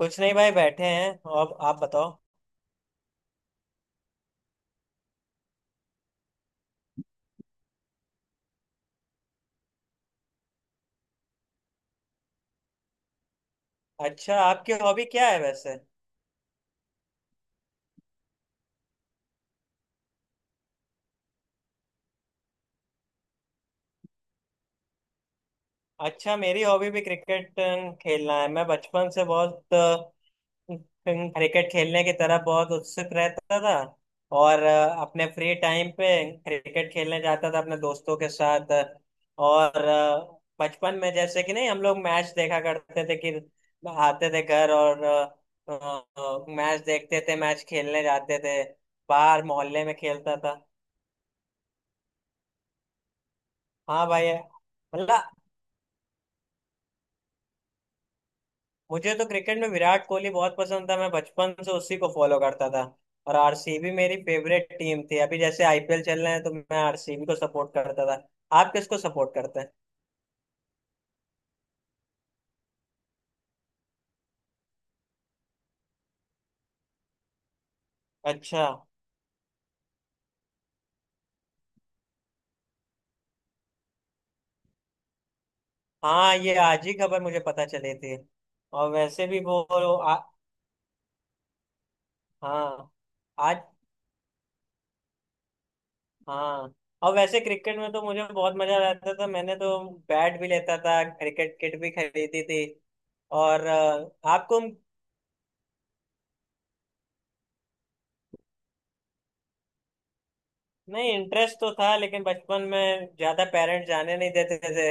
कुछ नहीं भाई, बैठे हैं। अब आप बताओ। अच्छा, आपकी हॉबी क्या है वैसे? अच्छा, मेरी हॉबी भी क्रिकेट खेलना है। मैं बचपन से बहुत क्रिकेट खेलने की तरफ बहुत उत्सुक रहता था। और अपने फ्री टाइम पे क्रिकेट खेलने जाता था अपने दोस्तों के साथ। और बचपन में जैसे कि नहीं, हम लोग मैच देखा करते थे कि आते थे घर और मैच देखते थे, मैच खेलने जाते थे। बाहर मोहल्ले में खेलता था। हाँ भाई, है। मतलब, मुझे तो क्रिकेट में विराट कोहली बहुत पसंद था, मैं बचपन से उसी को फॉलो करता था। और आरसीबी मेरी फेवरेट टीम थी। अभी जैसे आईपीएल चल रहे हैं तो मैं आरसीबी को सपोर्ट करता था। आप किसको सपोर्ट करते हैं? अच्छा। हाँ, ये आज ही खबर मुझे पता चली थी। और वैसे भी वो आ, हाँ। आज। हाँ। और वैसे क्रिकेट में तो मुझे बहुत मजा आता था। मैंने तो बैट भी लेता था, क्रिकेट किट भी खरीदी थी। और आपको। नहीं, इंटरेस्ट तो था लेकिन बचपन में ज्यादा पेरेंट्स जाने नहीं देते थे।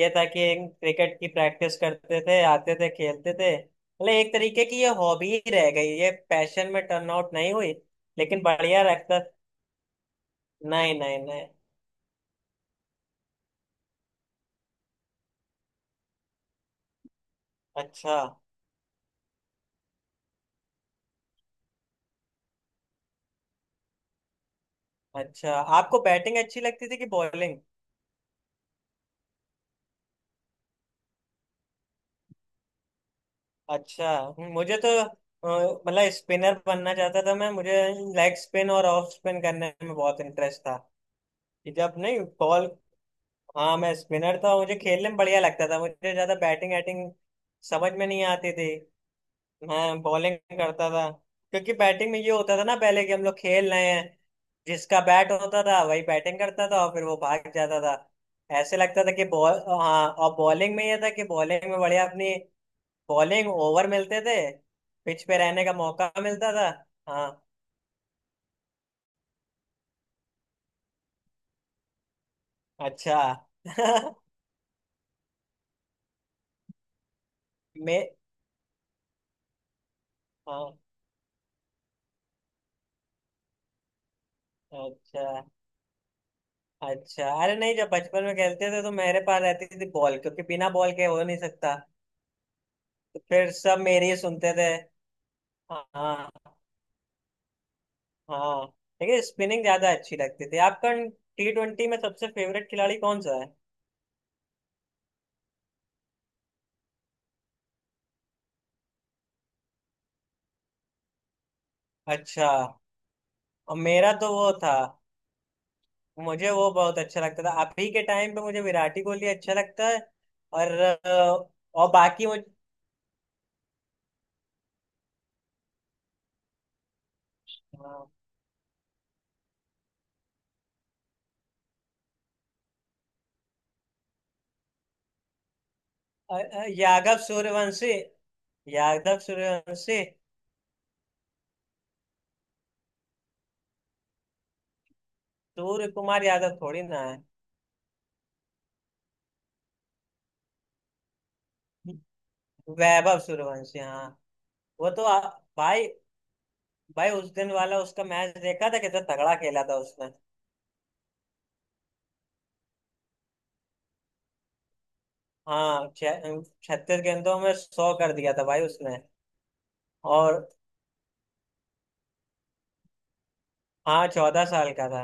ये था कि क्रिकेट की प्रैक्टिस करते थे, आते थे, खेलते थे। मतलब एक तरीके की ये हॉबी ही रह गई, ये पैशन में टर्न आउट नहीं हुई। लेकिन बढ़िया रखता। नहीं, नहीं, नहीं। अच्छा। अच्छा, आपको बैटिंग अच्छी लगती थी कि बॉलिंग? अच्छा। मुझे तो मतलब स्पिनर बनना चाहता था, मैं मुझे लेग स्पिन और ऑफ स्पिन करने में बहुत इंटरेस्ट था। कि जब नहीं, बॉल। हाँ, मैं स्पिनर था, मुझे खेलने में बढ़िया लगता था। मुझे ज्यादा बैटिंग एटिंग समझ में नहीं आती थी। मैं बॉलिंग करता था। क्योंकि बैटिंग में ये होता था ना पहले कि हम लोग खेल रहे हैं, जिसका बैट होता था वही बैटिंग करता था और फिर वो भाग जाता था, ऐसे लगता था कि बॉल। हाँ, और बॉलिंग में ये था कि बॉलिंग में बढ़िया अपनी बॉलिंग ओवर मिलते थे, पिच पे रहने का मौका मिलता था। हाँ। अच्छा। मैं। हाँ। अच्छा। अच्छा, अरे नहीं, जब बचपन में खेलते थे तो मेरे पास रहती थी बॉल, क्योंकि बिना बॉल के हो नहीं सकता। तो फिर सब मेरी ही सुनते थे। हाँ, हाँ। लेकिन स्पिनिंग ज्यादा अच्छी लगती थी। आपका T20 में सबसे फेवरेट खिलाड़ी कौन सा है? अच्छा। और मेरा तो वो था, मुझे वो बहुत अच्छा लगता था। अभी के टाइम पे मुझे विराट ही कोहली अच्छा लगता है। और और बाकी मुझे। हाँ, यादव सूर्यवंशी। यादव सूर्यवंशी। सूर्य कुमार यादव थोड़ी ना है। वैभव सूर्यवंशी। हाँ, वो तो भाई, भाई, उस दिन वाला उसका मैच देखा था, कितना तगड़ा खेला था उसने! हाँ, 36 गेंदों में 100 कर दिया था भाई उसने। और हाँ, 14 साल का था।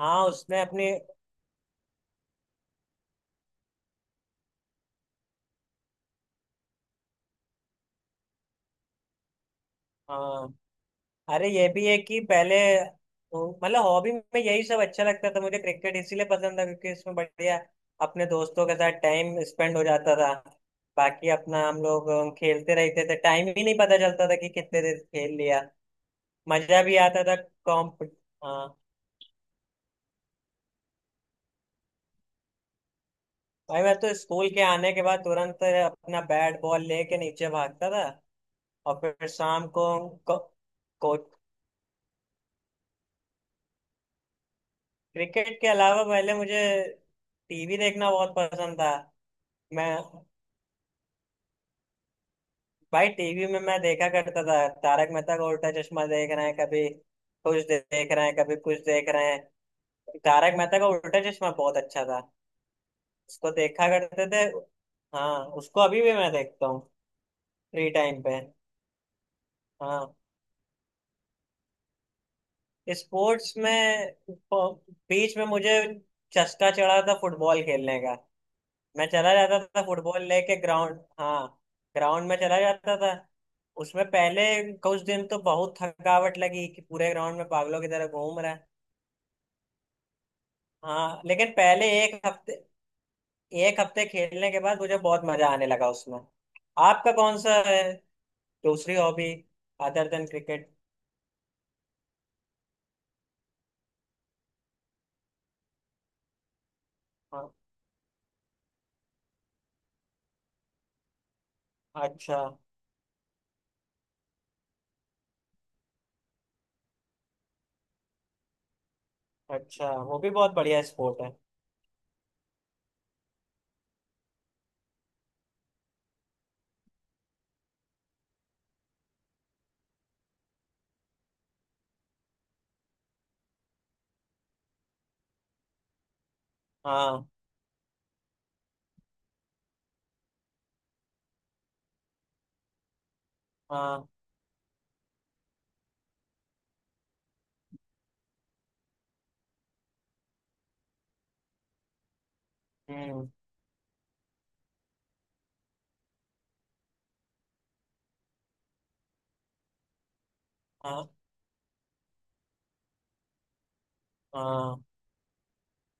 हाँ, उसने अपनी। हाँ। अरे, ये भी है कि पहले मतलब हॉबी में यही सब अच्छा लगता था। मुझे क्रिकेट इसीलिए पसंद था क्योंकि इसमें बढ़िया अपने दोस्तों के साथ टाइम स्पेंड हो जाता था। बाकी अपना हम लोग खेलते रहते थे। टाइम ही नहीं पता चलता था कि कितने देर खेल लिया। मजा भी आता था। कॉम्प हाँ। भाई, मैं तो स्कूल के आने के बाद तुरंत अपना बैट बॉल लेके नीचे भागता था। और फिर शाम को। को, को क्रिकेट के अलावा पहले मुझे टीवी देखना बहुत पसंद था। मैं भाई, टीवी में मैं देखा करता था तारक मेहता का उल्टा चश्मा। देख रहे हैं कभी कुछ, देख रहे हैं कभी कुछ देख रहे हैं। तारक मेहता का उल्टा चश्मा बहुत अच्छा था। उसको देखा करते थे। हाँ, उसको अभी भी मैं देखता हूँ। फ्री टाइम पे। हाँ, स्पोर्ट्स में बीच में मुझे चस्का चढ़ा था फुटबॉल खेलने का। मैं चला जाता था फुटबॉल लेके ग्राउंड। हाँ, ग्राउंड में चला जाता था। उसमें पहले कुछ दिन तो बहुत थकावट लगी कि पूरे ग्राउंड में पागलों की तरह घूम रहा है। हाँ, लेकिन पहले एक हफ्ते खेलने के बाद मुझे बहुत मजा आने लगा उसमें। आपका कौन सा है दूसरी हॉबी, अदर देन क्रिकेट? हाँ। अच्छा। अच्छा, वो भी बहुत बढ़िया स्पोर्ट है। हाँ, हाँ। हम्म। हाँ, हाँ।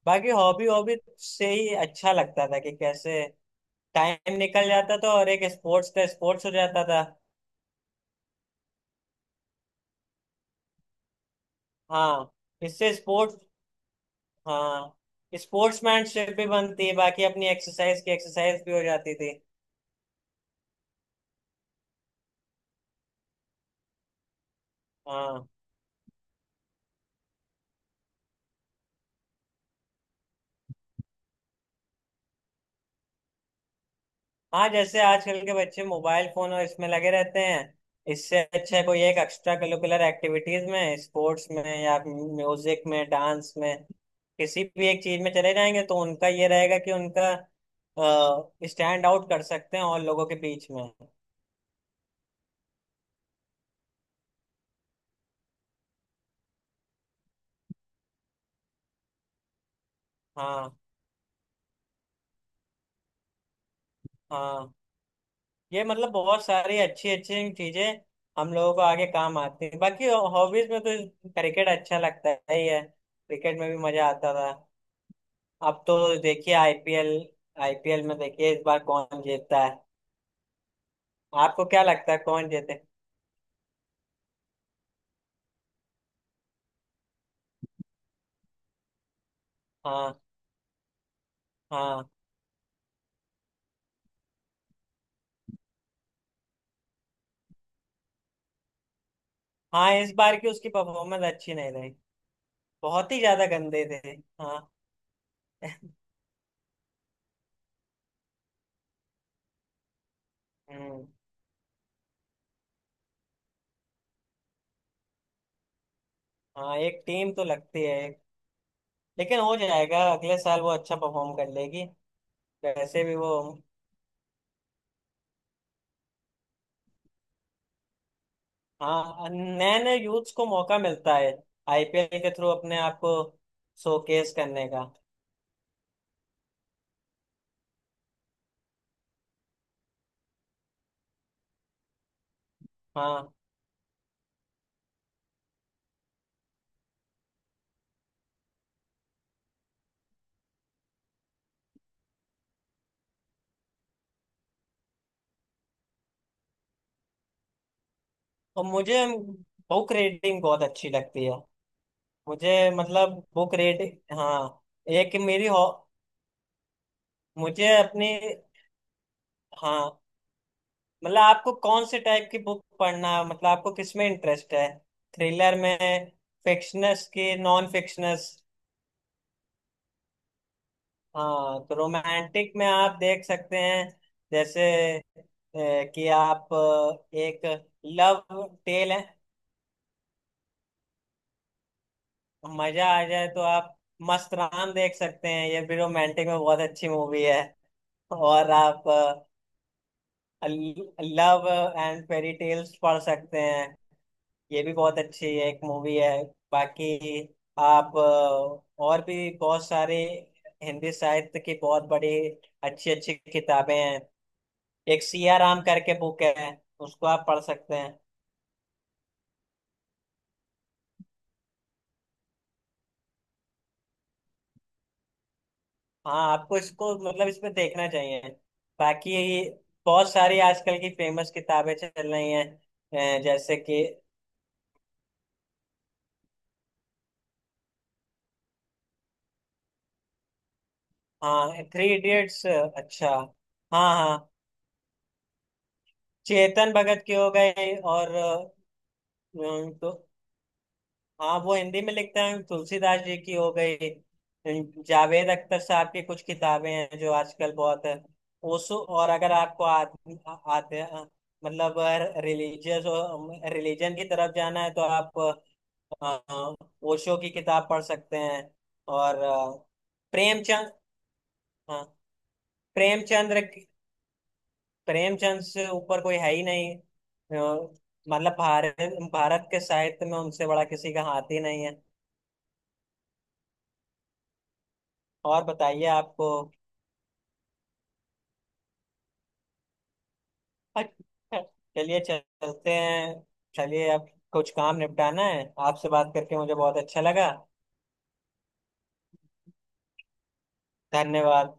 बाकी हॉबी हॉबी से ही अच्छा लगता था कि कैसे टाइम निकल जाता था, और एक स्पोर्ट्स का स्पोर्ट्स हो जाता था। हाँ, इससे स्पोर्ट्स। हाँ, स्पोर्ट्समैनशिप भी बनती है, बाकी अपनी एक्सरसाइज की एक्सरसाइज भी हो जाती थी। हाँ, हाँ। जैसे आजकल के बच्चे मोबाइल फोन और इसमें लगे रहते हैं, इससे अच्छा है कोई एक एक्स्ट्रा करिकुलर एक्टिविटीज में, स्पोर्ट्स में या म्यूजिक में, डांस में, किसी भी एक चीज में चले जाएंगे तो उनका ये रहेगा कि उनका स्टैंड आउट कर सकते हैं और लोगों के बीच में। हाँ, हाँ। ये मतलब बहुत सारी अच्छी अच्छी चीजें हम लोगों को आगे काम आती हैं। बाकी हॉबीज में तो क्रिकेट अच्छा लगता है ही है, क्रिकेट में भी मजा आता था। अब तो देखिए आईपीएल, आईपीएल में देखिए इस बार कौन जीतता है। आपको क्या लगता है कौन जीते? हाँ, हाँ, हाँ। इस बार की उसकी परफॉर्मेंस अच्छी नहीं रही। बहुत ही ज्यादा गंदे थे। हाँ। हम्म। हाँ, एक टीम तो लगती है एक, लेकिन हो जाएगा, अगले साल वो अच्छा परफॉर्म कर लेगी। वैसे भी वो, हाँ, नए नए यूथ्स को मौका मिलता है आईपीएल के थ्रू अपने आप को शोकेस करने का। हाँ, और मुझे बुक रीडिंग बहुत अच्छी लगती है। मुझे मतलब बुक रीडिंग। हाँ, एक मेरी हो, मुझे अपनी। हाँ, मतलब आपको कौन से टाइप की बुक पढ़ना, मतलब आपको किस में इंटरेस्ट है? थ्रिलर में? फिक्शनस की नॉन फिक्शनस? हाँ, तो रोमांटिक में आप देख सकते हैं, जैसे कि आप एक लव टेल है। मजा आ जाए तो आप मस्त राम देख सकते हैं, ये भी रोमांटिक में बहुत अच्छी मूवी है। और आप लव एंड फेरी टेल्स पढ़ सकते हैं, ये भी बहुत अच्छी एक मूवी है। बाकी आप और भी बहुत सारे, हिंदी साहित्य की बहुत बड़ी अच्छी अच्छी किताबें हैं। एक सिया राम करके बुक है, उसको आप पढ़ सकते हैं। हाँ, आपको इसको मतलब इसमें देखना चाहिए। बाकी बहुत सारी आजकल की फेमस किताबें चल रही हैं। जैसे कि। हाँ, थ्री इडियट्स। अच्छा। हाँ, हाँ। चेतन भगत की हो गई और तो। हाँ, वो हिंदी में लिखते हैं। तुलसीदास जी की हो गई। जावेद अख्तर साहब की कुछ किताबें हैं जो आजकल बहुत है। उस, और अगर आपको आदमी आते मतलब रिलीजियस, रिलीजन की तरफ जाना है तो आप अ, ओशो की किताब पढ़ सकते हैं। और प्रेमचंद। हाँ, प्रेमचंद्र। प्रेमचंद से ऊपर कोई है ही नहीं मतलब भारत भारत के साहित्य में उनसे बड़ा किसी का हाथ ही नहीं है। और बताइए आपको। अच्छा, चलिए चलते हैं। चलिए, अब कुछ काम निपटाना है। आपसे बात करके मुझे बहुत अच्छा लगा। धन्यवाद।